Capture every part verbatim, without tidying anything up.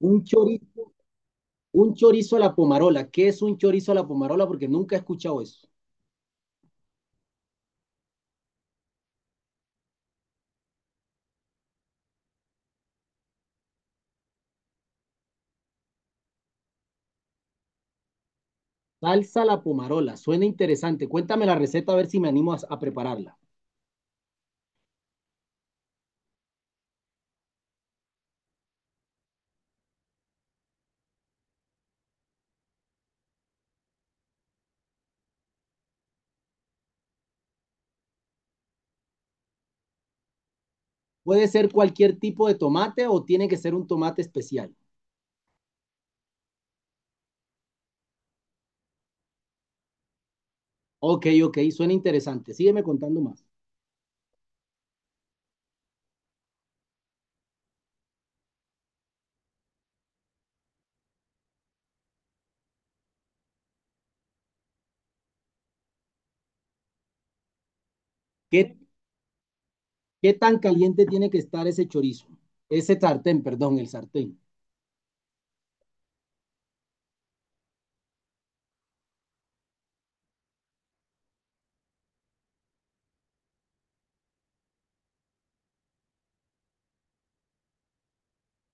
Un chorizo, un chorizo a la pomarola. ¿Qué es un chorizo a la pomarola? Porque nunca he escuchado eso. Salsa a la pomarola. Suena interesante. Cuéntame la receta a ver si me animo a, a prepararla. ¿Puede ser cualquier tipo de tomate o tiene que ser un tomate especial? Ok, ok, suena interesante. Sígueme contando más. ¿Qué, qué tan caliente tiene que estar ese chorizo? Ese sartén, perdón, el sartén.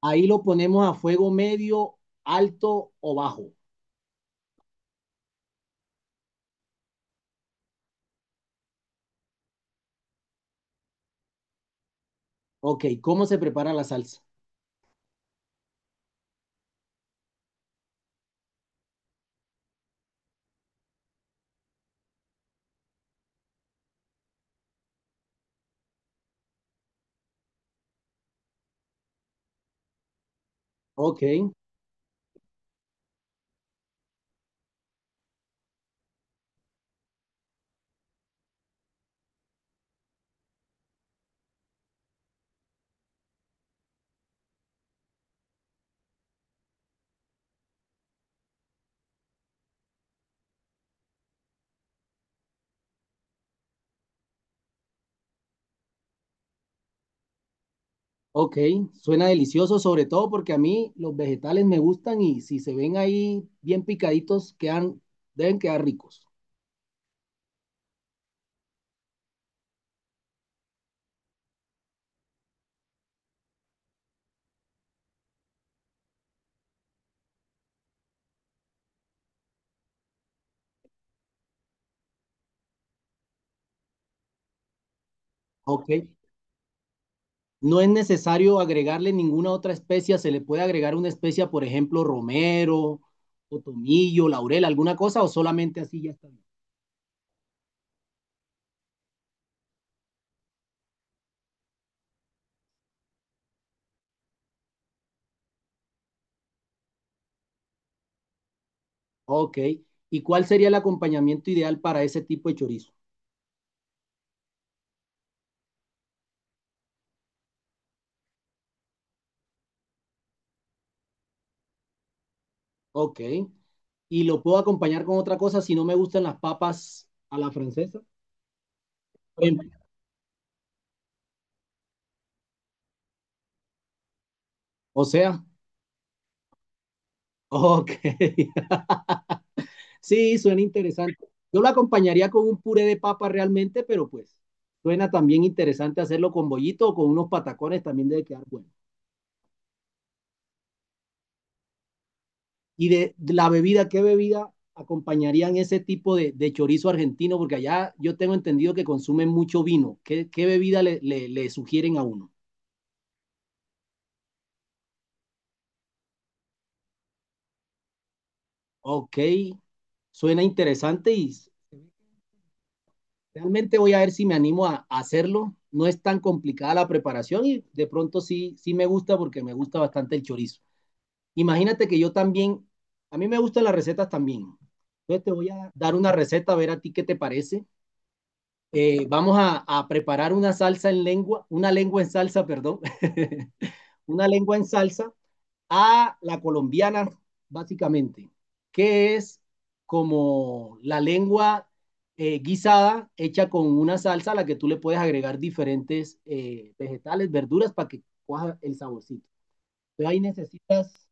Ahí lo ponemos a fuego medio, alto o bajo. Ok, ¿cómo se prepara la salsa? Ok, ok, suena delicioso, sobre todo porque a mí los vegetales me gustan y si se ven ahí bien picaditos, quedan, deben quedar ricos. Ok, no es necesario agregarle ninguna otra especia, se le puede agregar una especia, por ejemplo, romero, o tomillo, laurel, alguna cosa, o solamente así ya está bien. Ok, ¿y cuál sería el acompañamiento ideal para ese tipo de chorizo? Ok, y lo puedo acompañar con otra cosa si no me gustan las papas a la francesa. O sea, ok. Sí, suena interesante. Yo lo acompañaría con un puré de papa realmente, pero pues suena también interesante hacerlo con bollito o con unos patacones, también debe quedar bueno. Y de, de la bebida, ¿qué bebida acompañarían ese tipo de, de chorizo argentino? Porque allá yo tengo entendido que consumen mucho vino. ¿Qué, qué bebida le, le, le sugieren a uno? Ok, suena interesante y realmente voy a ver si me animo a, a hacerlo. No es tan complicada la preparación y de pronto sí, sí me gusta porque me gusta bastante el chorizo. Imagínate que yo también, a mí me gustan las recetas también. Entonces te voy a dar una receta, a ver a ti qué te parece. Eh, vamos a, a preparar una salsa en lengua, una lengua en salsa, perdón. Una lengua en salsa a la colombiana, básicamente, que es como la lengua eh, guisada hecha con una salsa a la que tú le puedes agregar diferentes eh, vegetales, verduras para que coja el saborcito. Entonces ahí necesitas,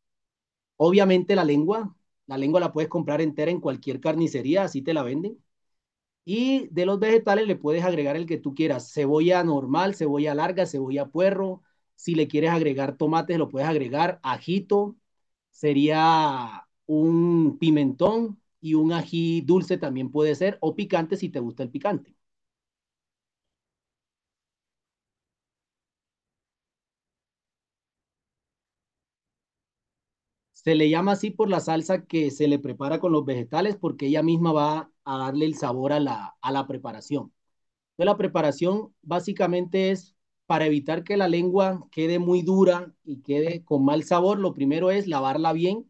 obviamente, la lengua. La lengua la puedes comprar entera en cualquier carnicería, así te la venden. Y de los vegetales le puedes agregar el que tú quieras, cebolla normal, cebolla larga, cebolla puerro. Si le quieres agregar tomates, lo puedes agregar. Ajito, sería un pimentón y un ají dulce también puede ser, o picante si te gusta el picante. Se le llama así por la salsa que se le prepara con los vegetales porque ella misma va a darle el sabor a la, a la preparación. Entonces, la preparación básicamente es para evitar que la lengua quede muy dura y quede con mal sabor. Lo primero es lavarla bien.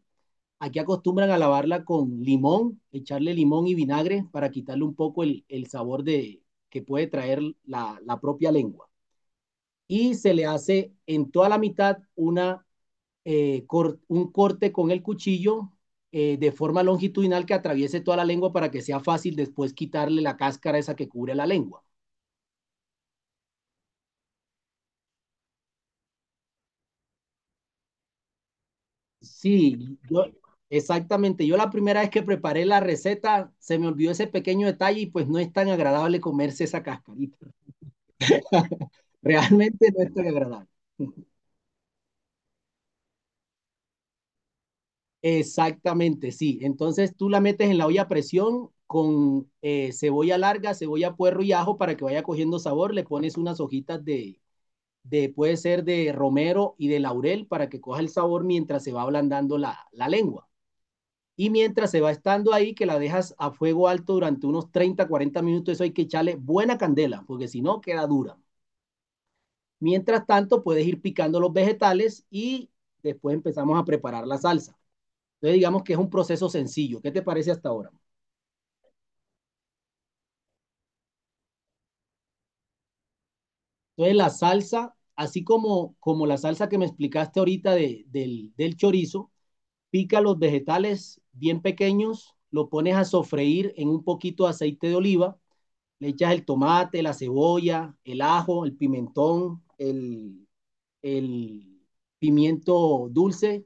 Aquí acostumbran a lavarla con limón, echarle limón y vinagre para quitarle un poco el, el sabor de, que puede traer la, la, propia lengua. Y se le hace en toda la mitad una, eh, cor, un corte con el cuchillo eh, de forma longitudinal que atraviese toda la lengua para que sea fácil después quitarle la cáscara esa que cubre la lengua. Sí, yo, exactamente. Yo la primera vez que preparé la receta se me olvidó ese pequeño detalle y pues no es tan agradable comerse esa cascarita. Realmente no es tan agradable. Exactamente, sí. Entonces tú la metes en la olla a presión con eh, cebolla larga, cebolla puerro y ajo para que vaya cogiendo sabor. Le pones unas hojitas de, de, puede ser de romero y de laurel para que coja el sabor mientras se va ablandando la, la lengua. Y mientras se va estando ahí, que la dejas a fuego alto durante unos treinta, cuarenta minutos, eso hay que echarle buena candela, porque si no, queda dura. Mientras tanto, puedes ir picando los vegetales y después empezamos a preparar la salsa. Entonces, digamos que es un proceso sencillo. ¿Qué te parece hasta ahora? Entonces, la salsa, así como, como la salsa que me explicaste ahorita de, del, del chorizo, pica los vegetales bien pequeños, lo pones a sofreír en un poquito de aceite de oliva, le echas el tomate, la cebolla, el ajo, el pimentón, el, el pimiento dulce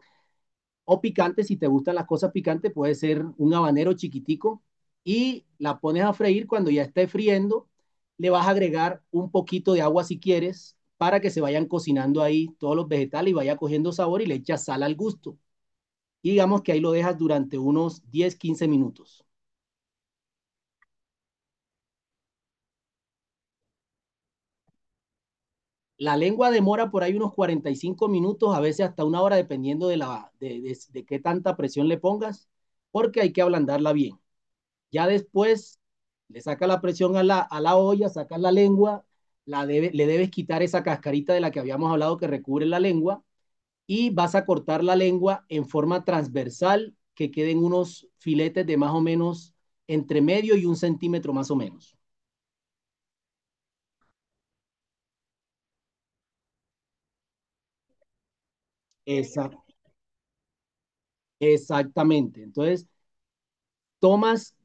o picante, si te gustan las cosas picantes, puede ser un habanero chiquitico y la pones a freír cuando ya esté friendo, le vas a agregar un poquito de agua si quieres para que se vayan cocinando ahí todos los vegetales y vaya cogiendo sabor y le echas sal al gusto. Y digamos que ahí lo dejas durante unos diez quince minutos. La lengua demora por ahí unos cuarenta y cinco minutos, a veces hasta una hora, dependiendo de, la, de, de, de qué tanta presión le pongas, porque hay que ablandarla bien. Ya después le saca la presión a la, a la olla, sacas la lengua, la debe, le debes quitar esa cascarita de la que habíamos hablado que recubre la lengua y vas a cortar la lengua en forma transversal que queden unos filetes de más o menos entre medio y un centímetro más o menos. Esa, exactamente. Entonces, tomas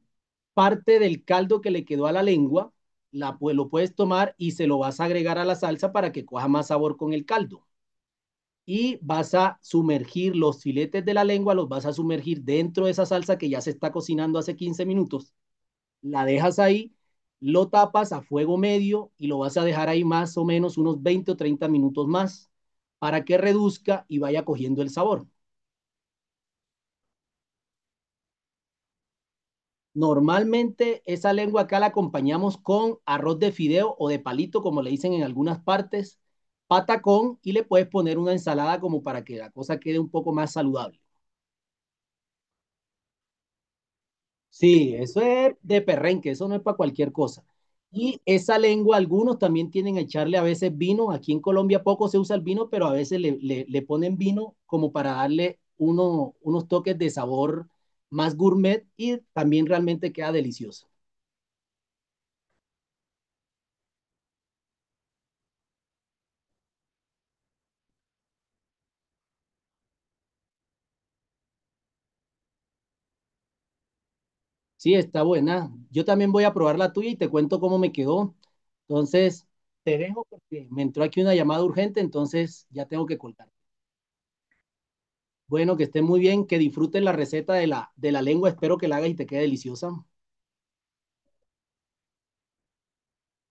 parte del caldo que le quedó a la lengua, la, pues, lo puedes tomar y se lo vas a agregar a la salsa para que coja más sabor con el caldo. Y vas a sumergir los filetes de la lengua, los vas a sumergir dentro de esa salsa que ya se está cocinando hace quince minutos. La dejas ahí, lo tapas a fuego medio y lo vas a dejar ahí más o menos unos veinte o treinta minutos más para que reduzca y vaya cogiendo el sabor. Normalmente esa lengua acá la acompañamos con arroz de fideo o de palito, como le dicen en algunas partes, patacón y le puedes poner una ensalada como para que la cosa quede un poco más saludable. Sí, eso es de perrenque, eso no es para cualquier cosa. Y esa lengua, algunos también tienen a echarle a veces vino. Aquí en Colombia poco se usa el vino, pero a veces le, le- le ponen vino como para darle uno- unos toques de sabor más gourmet y también realmente queda delicioso. Sí, está buena. Yo también voy a probar la tuya y te cuento cómo me quedó. Entonces, te dejo porque me entró aquí una llamada urgente, entonces ya tengo que colgar. Bueno, que esté muy bien, que disfrutes la receta de la, de la lengua. Espero que la hagas y te quede deliciosa.